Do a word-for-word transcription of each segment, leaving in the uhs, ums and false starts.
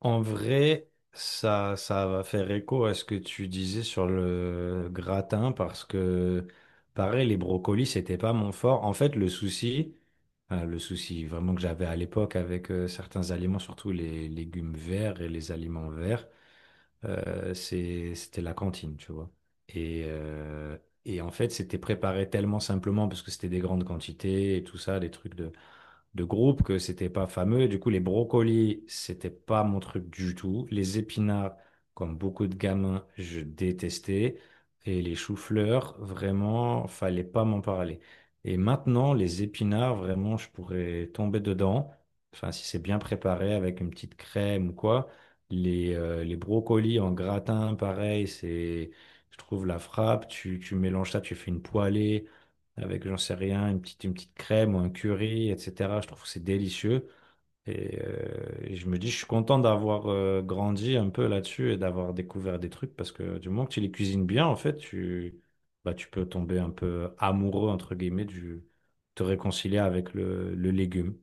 En vrai, ça, ça va faire écho à ce que tu disais sur le gratin parce que, pareil, les brocolis, c'était pas mon fort. En fait, le souci, euh, le souci vraiment que j'avais à l'époque avec euh, certains aliments, surtout les légumes verts et les aliments verts, euh, c'est, c'était la cantine, tu vois. Et, euh, et en fait, c'était préparé tellement simplement parce que c'était des grandes quantités et tout ça, des trucs de de groupe que c'était pas fameux. Et du coup, les brocolis, c'était pas mon truc du tout. Les épinards, comme beaucoup de gamins, je détestais. Et les choux-fleurs, vraiment, fallait pas m'en parler. Et maintenant, les épinards, vraiment, je pourrais tomber dedans. Enfin, si c'est bien préparé avec une petite crème ou quoi. Les, euh, les brocolis en gratin, pareil, c'est, je trouve la frappe. Tu, tu mélanges ça, tu fais une poêlée avec, j'en sais rien, une petite, une petite crème ou un curry, et cetera. Je trouve que c'est délicieux. Et, euh, et je me dis, je suis content d'avoir euh, grandi un peu là-dessus et d'avoir découvert des trucs parce que du moment que tu les cuisines bien, en fait, tu, bah, tu peux tomber un peu amoureux, entre guillemets, du, te réconcilier avec le, le légume.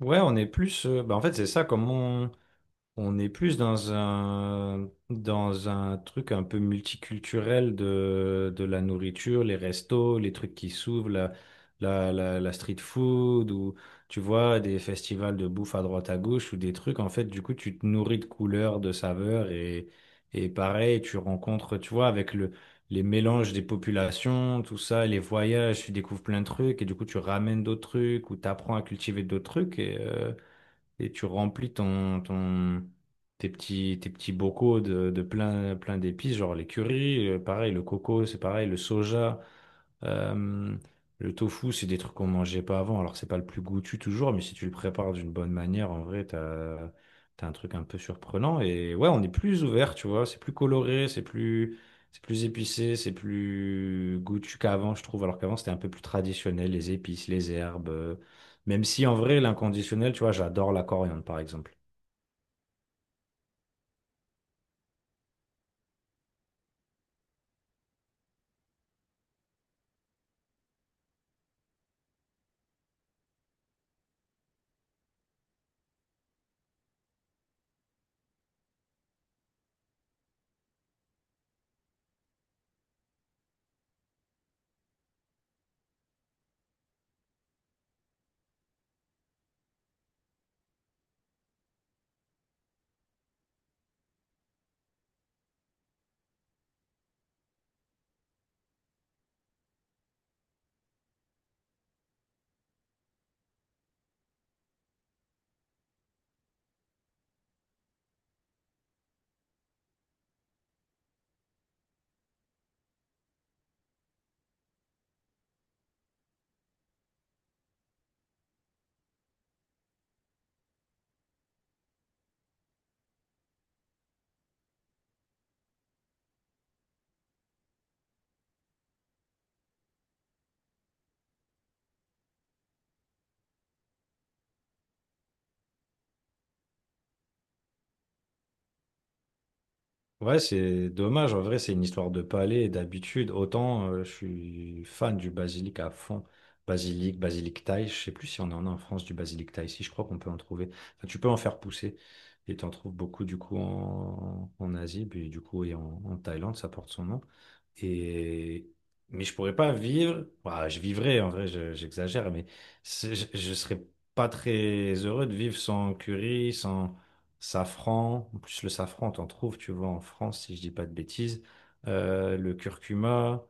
Ouais, on est plus. Euh, bah, en fait, c'est ça, comme on, on est plus dans un, dans un truc un peu multiculturel de, de la nourriture, les restos, les trucs qui s'ouvrent, la, la, la, la street food, ou tu vois, des festivals de bouffe à droite à gauche, ou des trucs. En fait, du coup, tu te nourris de couleurs, de saveurs, et, et pareil, tu rencontres, tu vois, avec le, les mélanges des populations, tout ça, les voyages, tu découvres plein de trucs, et du coup, tu ramènes d'autres trucs, ou t'apprends à cultiver d'autres trucs, et, euh, et tu remplis ton, ton, tes petits, tes petits bocaux de, de plein, plein d'épices, genre les currys, euh, pareil, le coco, c'est pareil, le soja. Euh, le tofu, c'est des trucs qu'on mangeait pas avant. Alors, c'est pas le plus goûtu toujours, mais si tu le prépares d'une bonne manière, en vrai, t'as, t'as un truc un peu surprenant. Et ouais, on est plus ouvert, tu vois. C'est plus coloré, c'est plus, c'est plus épicé, c'est plus goûtu qu'avant, je trouve. Alors qu'avant, c'était un peu plus traditionnel, les épices, les herbes. euh, Même si, en vrai, l'inconditionnel, tu vois, j'adore la coriandre, par exemple. Ouais, c'est dommage. En vrai, c'est une histoire de palais et d'habitude. Autant euh, je suis fan du basilic à fond. Basilic, basilic thaï. Je sais plus si on en a en France du basilic thaï. Si, je crois qu'on peut en trouver. Enfin, tu peux en faire pousser. Et tu en trouves beaucoup du coup en, en Asie. Puis du coup, et en, en Thaïlande, ça porte son nom. Et... Mais je pourrais pas vivre. Bah, je vivrais, en vrai, je- j'exagère. Mais c'est- je, je serais pas très heureux de vivre sans curry, sans safran. En plus, le safran, t'en trouves, tu vois, en France, si je dis pas de bêtises. Euh, le curcuma,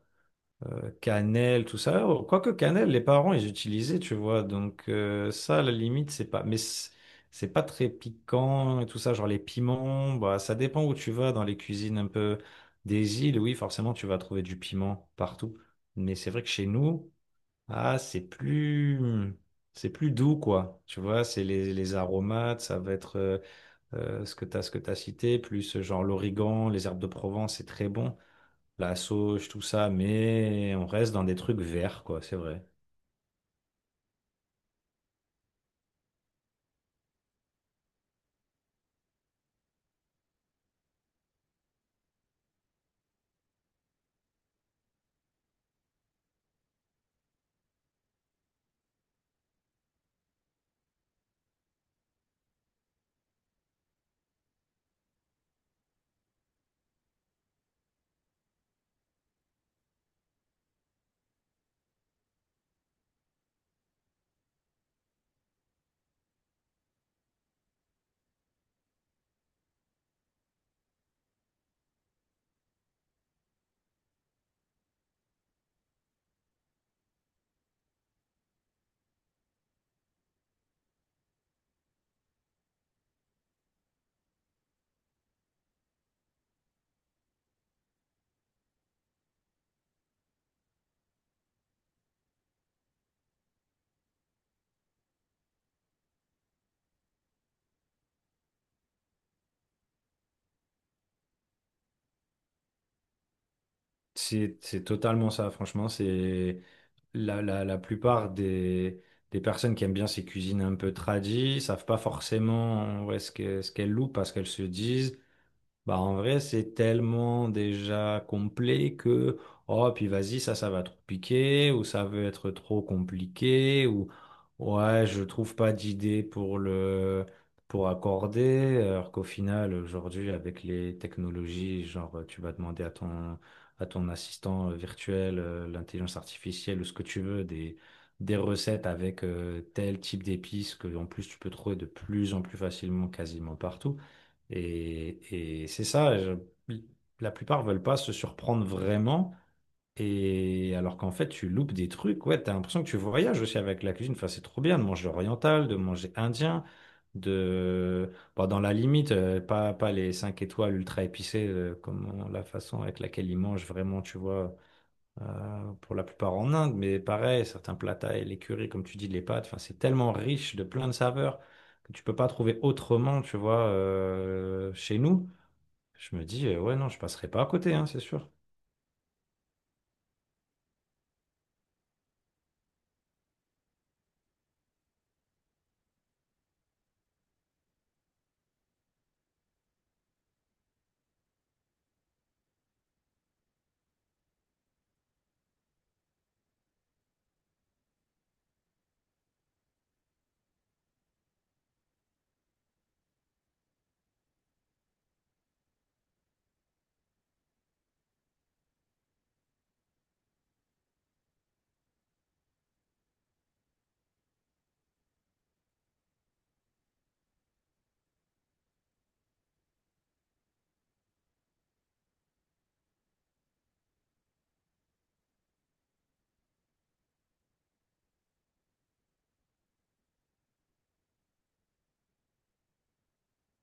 euh, cannelle, tout ça. Oh, quoique cannelle, les parents, ils utilisaient, tu vois. Donc, euh, ça, à la limite, c'est pas. Mais c'est c'est pas très piquant et tout ça. Genre, les piments, bah, ça dépend où tu vas dans les cuisines un peu des îles. Oui, forcément, tu vas trouver du piment partout. Mais c'est vrai que chez nous, ah, c'est plus. C'est plus doux, quoi. Tu vois, c'est les, les aromates, ça va être. Euh, euh, ce que tu as, ce que tu as cité, plus euh, genre l'origan, les herbes de Provence, c'est très bon, la sauge, tout ça, mais on reste dans des trucs verts, quoi, c'est vrai. C'est c'est totalement ça, franchement, c'est la, la, la plupart des, des personnes qui aiment bien ces cuisines un peu tradies, savent pas forcément ouais, ce que, ce qu'elles louent parce qu'elles se disent. Bah, en vrai, c'est tellement déjà complet que, oh, puis vas-y, ça, ça va trop piquer, ou ça veut être trop compliqué, ou, ouais, je trouve pas d'idée pour le, pour accorder, alors qu'au final, aujourd'hui, avec les technologies, genre, tu vas demander à ton, à ton assistant virtuel, euh, l'intelligence artificielle, ou ce que tu veux, des, des recettes avec euh, tel type d'épices que, en plus, tu peux trouver de plus en plus facilement, quasiment partout. Et, et c'est ça, je- la plupart veulent pas se surprendre vraiment. Et alors qu'en fait, tu loupes des trucs, ouais, t'as l'impression que tu voyages aussi avec la cuisine. Enfin, c'est trop bien de manger oriental, de manger indien, de. Bon, dans la limite, euh, pas, pas les cinq étoiles ultra épicées, euh, comme on- la façon avec laquelle ils mangent vraiment, tu vois euh, pour la plupart en Inde, mais pareil, certains plats thaï, les currys, comme tu dis, les pâtes, enfin, c'est tellement riche de plein de saveurs que tu peux pas trouver autrement, tu vois, euh, chez nous. Je me dis, euh, ouais, non, je passerai pas à côté, hein, c'est sûr.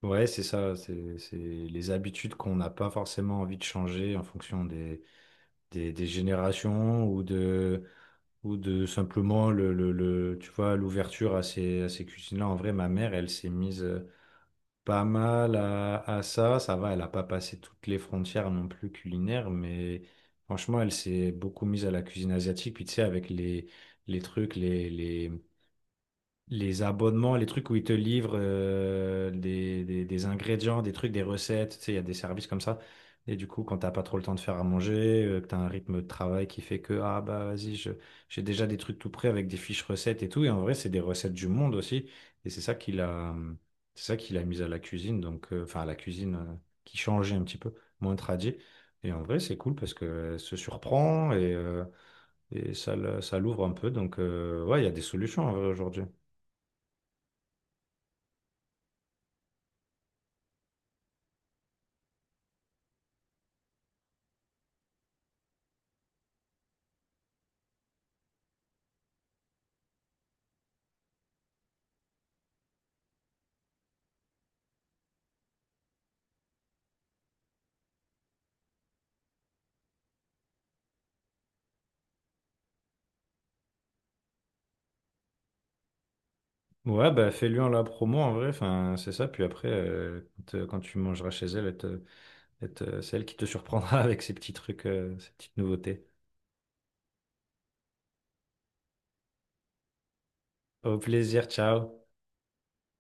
Ouais, c'est ça, c'est c'est les habitudes qu'on n'a pas forcément envie de changer en fonction des, des, des générations ou de, ou de simplement le, le, le- tu vois, l'ouverture à ces, à ces cuisines-là. En vrai, ma mère, elle s'est mise. euh, pas mal à, à ça. Ça va, elle n'a pas passé toutes les frontières non plus culinaires, mais franchement, elle s'est beaucoup mise à la cuisine asiatique. Puis tu sais, avec les, les trucs, les, les, les abonnements, les trucs où ils te livrent euh, des, des- des ingrédients, des trucs, des recettes, tu sais, il y a des services comme ça. Et du coup, quand t'as pas trop le temps de faire à manger, euh, que t'as un rythme de travail qui fait que, ah bah vas-y, je- j'ai déjà des trucs tout prêts avec des fiches recettes et tout. Et en vrai, c'est des recettes du monde aussi. Et c'est ça qu'il a, c'est ça qu'il a mis à la cuisine, donc, euh, enfin, à la cuisine euh, qui changeait un petit peu, moins tradie. Et en vrai, c'est cool parce que se surprend et, euh, et ça, le- ça l'ouvre un peu. Donc, euh, ouais, il y a des solutions en vrai, aujourd'hui. Ouais, bah fais-lui en la promo en vrai, enfin, c'est ça. Puis après, euh, quand, euh, quand tu mangeras chez elle, elle te- elle te- c'est elle qui te surprendra avec ses petits trucs, euh, ses petites nouveautés. Au plaisir, ciao.